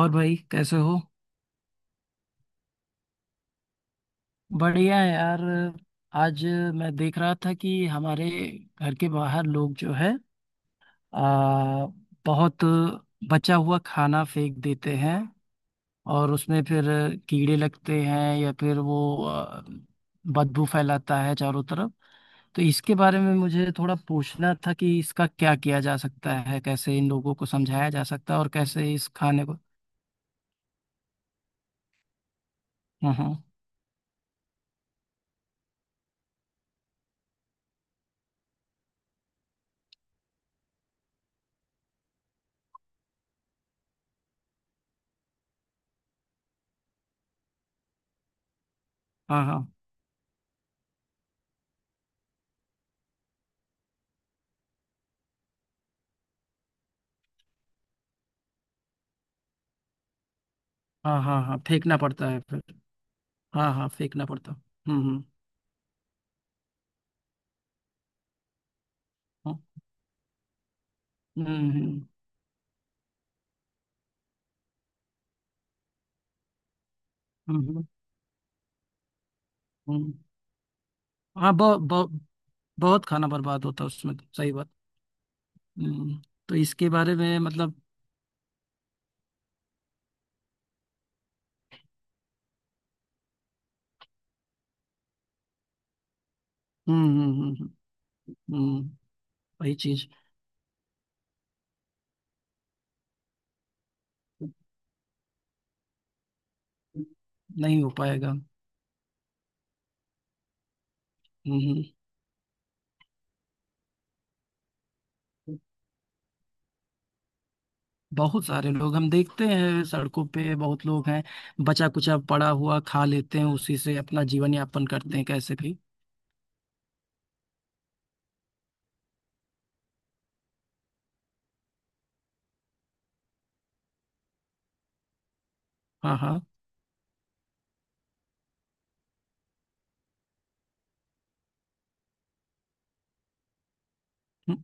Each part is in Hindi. और भाई कैसे हो? बढ़िया है यार। आज मैं देख रहा था कि हमारे घर के बाहर लोग जो है आ, बहुत बचा हुआ खाना फेंक देते हैं, और उसमें फिर कीड़े लगते हैं या फिर वो बदबू फैलाता है चारों तरफ। तो इसके बारे में मुझे थोड़ा पूछना था कि इसका क्या किया जा सकता है, कैसे इन लोगों को समझाया जा सकता है और कैसे इस खाने को। हाँ, हाँ, हाँ, हाँ, हाँ, हाँ, हाँ, फेंकना पड़ता है फिर। हाँ, हाँ, फेंकना पड़ता। हम्म, हम्म। हाँ, हम्म, हम्म, हम्म, हम्म। हम्म। हाँ बहुत बहुत बहुत खाना बर्बाद होता है उसमें तो, सही बात। हम्म। तो इसके बारे में मतलब। हम्म, हम्म, हम्म, हम्म। वही चीज। नहीं हो पाएगा। हम्म। हम्म। बहुत सारे लोग, हम देखते हैं सड़कों पे बहुत लोग हैं, बचा कुचा पड़ा हुआ खा लेते हैं, उसी से अपना जीवन यापन करते हैं कैसे भी। हाँ, हाँ। हम्म।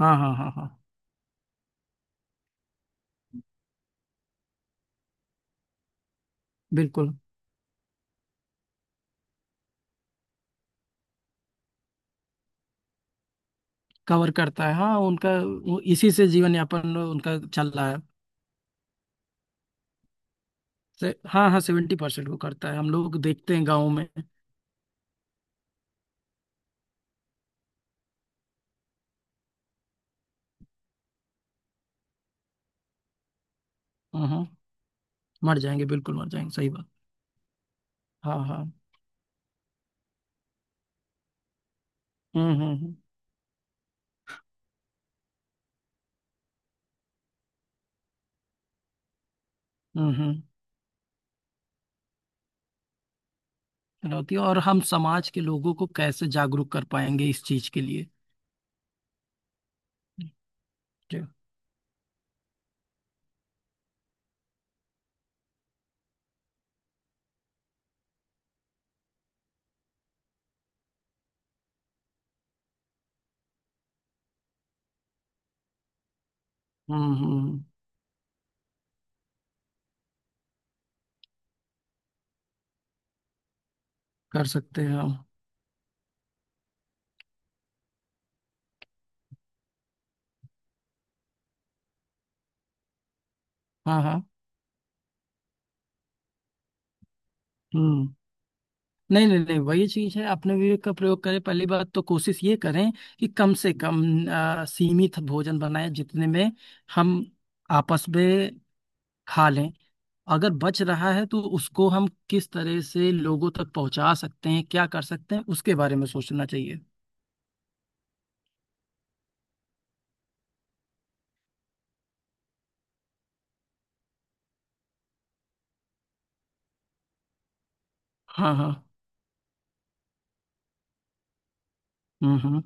हाँ, हाँ, हाँ, हाँ। बिल्कुल। कवर करता है हाँ, उनका वो इसी से जीवन यापन उनका चल रहा है। हाँ, हाँ, 70% वो करता है, हम लोग देखते हैं गाँव में। हम्म। मर जाएंगे, बिल्कुल मर जाएंगे, सही बात। हाँ, हाँ। हम्म, हम्म, हम्म। हम्म, चुनौती, और हम समाज के लोगों को कैसे जागरूक कर पाएंगे इस चीज के लिए। ठीक। हम्म, हम्म, हम्म। कर सकते हैं हम। हाँ, हाँ। हम्म। नहीं, नहीं, नहीं, वही चीज है, अपने विवेक का प्रयोग करें। पहली बात तो कोशिश ये करें कि कम से कम सीमित भोजन बनाएं जितने में हम आपस में खा लें। अगर बच रहा है तो उसको हम किस तरह से लोगों तक पहुंचा सकते हैं, क्या कर सकते हैं, उसके बारे में सोचना चाहिए। हाँ, हाँ। हम्म, हम्म।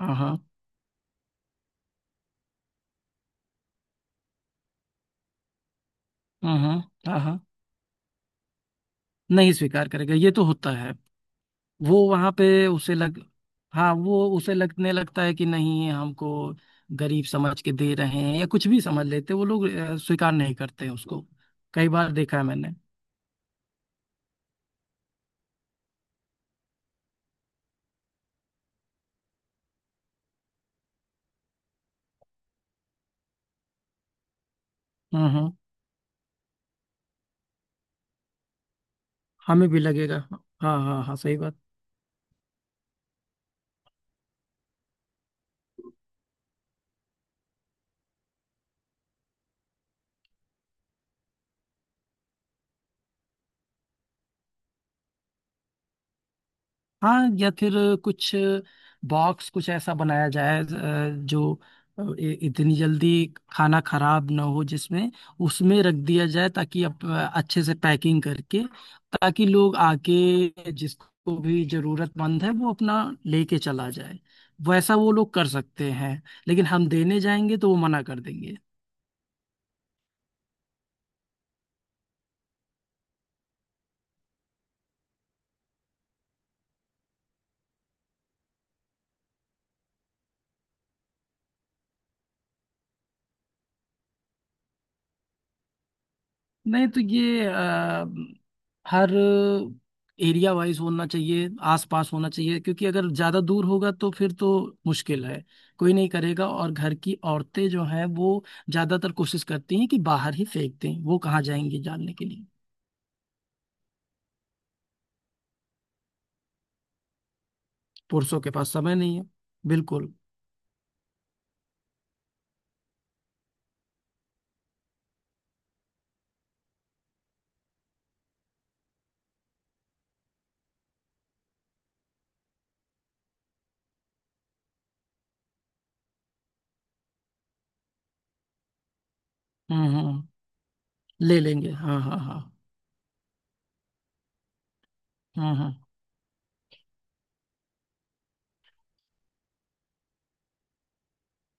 हाँ, हाँ। हम्म, हम्म, हाँ, हाँ, हाँ, हाँ। नहीं स्वीकार करेगा, ये तो होता है। वो वहां पे उसे लग। हाँ, वो उसे लगने लगता है कि नहीं हमको गरीब समझ के दे रहे हैं या कुछ भी समझ लेते हैं, वो लोग स्वीकार नहीं करते हैं उसको। कई बार देखा है मैंने। हम्म, हम्म। हमें भी लगेगा, हाँ, हाँ, हाँ, सही बात। हाँ या फिर कुछ बॉक्स कुछ ऐसा बनाया जाए जो इतनी जल्दी खाना खराब ना हो, जिसमें उसमें रख दिया जाए, ताकि अच्छे से पैकिंग करके, ताकि लोग आके जिसको भी जरूरतमंद है वो अपना लेके चला जाए। वैसा वो लोग कर सकते हैं। लेकिन हम देने जाएंगे तो वो मना कर देंगे। नहीं तो ये हर एरिया वाइज होना चाहिए, आसपास होना चाहिए, क्योंकि अगर ज़्यादा दूर होगा तो फिर तो मुश्किल है। कोई नहीं करेगा, और घर की औरतें जो हैं वो ज़्यादातर कोशिश करती हैं कि बाहर ही फेंक दें, वो कहाँ जाएंगी जानने के लिए। पुरुषों के पास समय नहीं है। बिल्कुल। हम्म, हम्म। ले लेंगे, हाँ, हाँ, हाँ। हम्म, हम्म।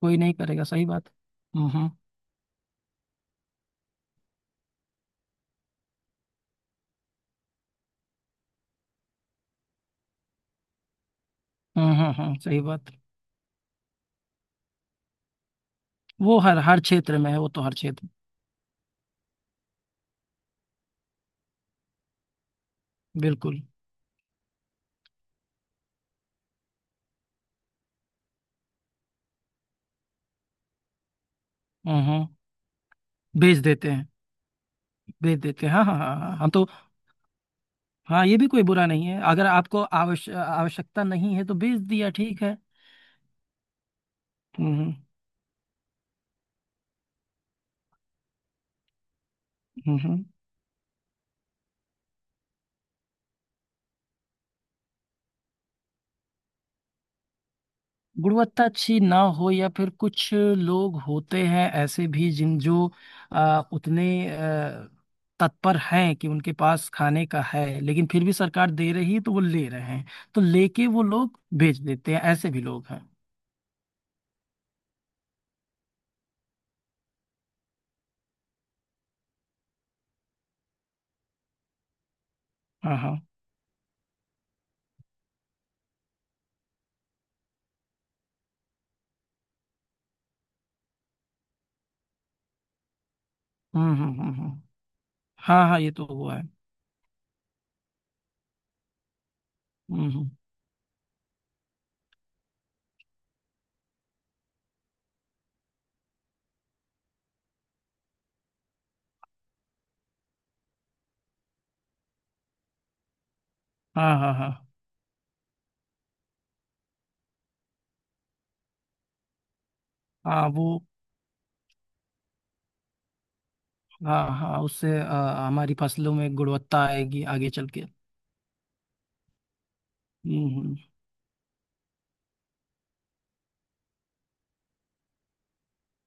कोई नहीं करेगा, सही बात। हम्म, हम्म, हम्म, हम्म, सही बात। वो हर हर क्षेत्र में है, वो तो हर क्षेत्र। बिल्कुल। हम्म, हम्म। बेच देते हैं, भेज देते हैं, हाँ, हाँ, हाँ, हाँ, हाँ तो। हाँ, ये भी कोई बुरा नहीं है, अगर आपको आवश्यकता नहीं है तो भेज दिया, ठीक है। हम्म। हम्म, गुणवत्ता अच्छी ना हो, या फिर कुछ लोग होते हैं ऐसे भी जिन जो उतने आ, तत्पर हैं कि उनके पास खाने का है, लेकिन फिर भी सरकार दे रही है तो वो ले रहे हैं। तो लेके वो लोग भेज देते हैं, ऐसे भी लोग हैं। हाँ, हाँ। हम्म, हम्म, हम्म, हाँ, हाँ, ये तो हुआ है। हम्म, हाँ, हाँ, हाँ, हाँ। वो, हाँ, हाँ, उससे हमारी फसलों में गुणवत्ता आएगी आगे चल के। हम्म,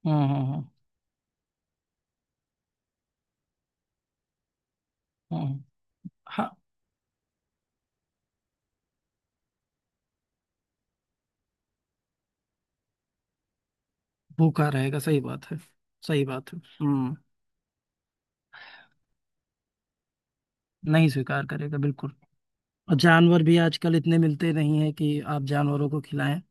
हम्म, हम्म, हम्म, हम्म, हम्म। हाँ। भूखा रहेगा, सही बात है। सही बात है। हम्म। नहीं स्वीकार करेगा, बिल्कुल। और जानवर भी आजकल इतने मिलते नहीं है कि आप जानवरों को खिलाएं।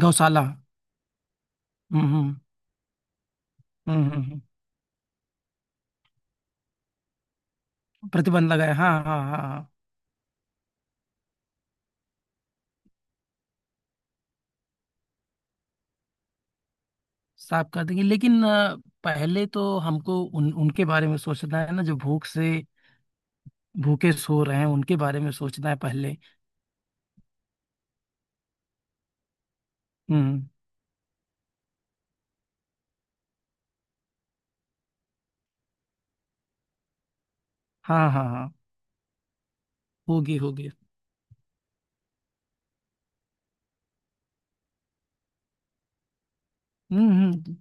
गौशाला। हम्म। हम्म, हम्म, प्रतिबंध लगाए, हाँ, हाँ, हाँ, हाँ। साफ कर देंगे, लेकिन पहले तो हमको उन उनके बारे में सोचना है ना, जो भूख से भूखे सो रहे हैं, उनके बारे में सोचना है पहले। हम्म। हाँ, हाँ, हाँ। होगी, होगी। हम्म, हम्म।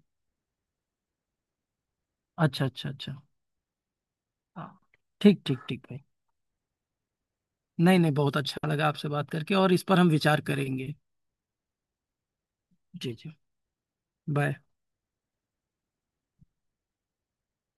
अच्छा, अच्छा, अच्छा। हाँ। ठीक, ठीक, ठीक, भाई। नहीं, नहीं, बहुत अच्छा लगा आपसे बात करके, और इस पर हम विचार करेंगे। जी, जी। बाय।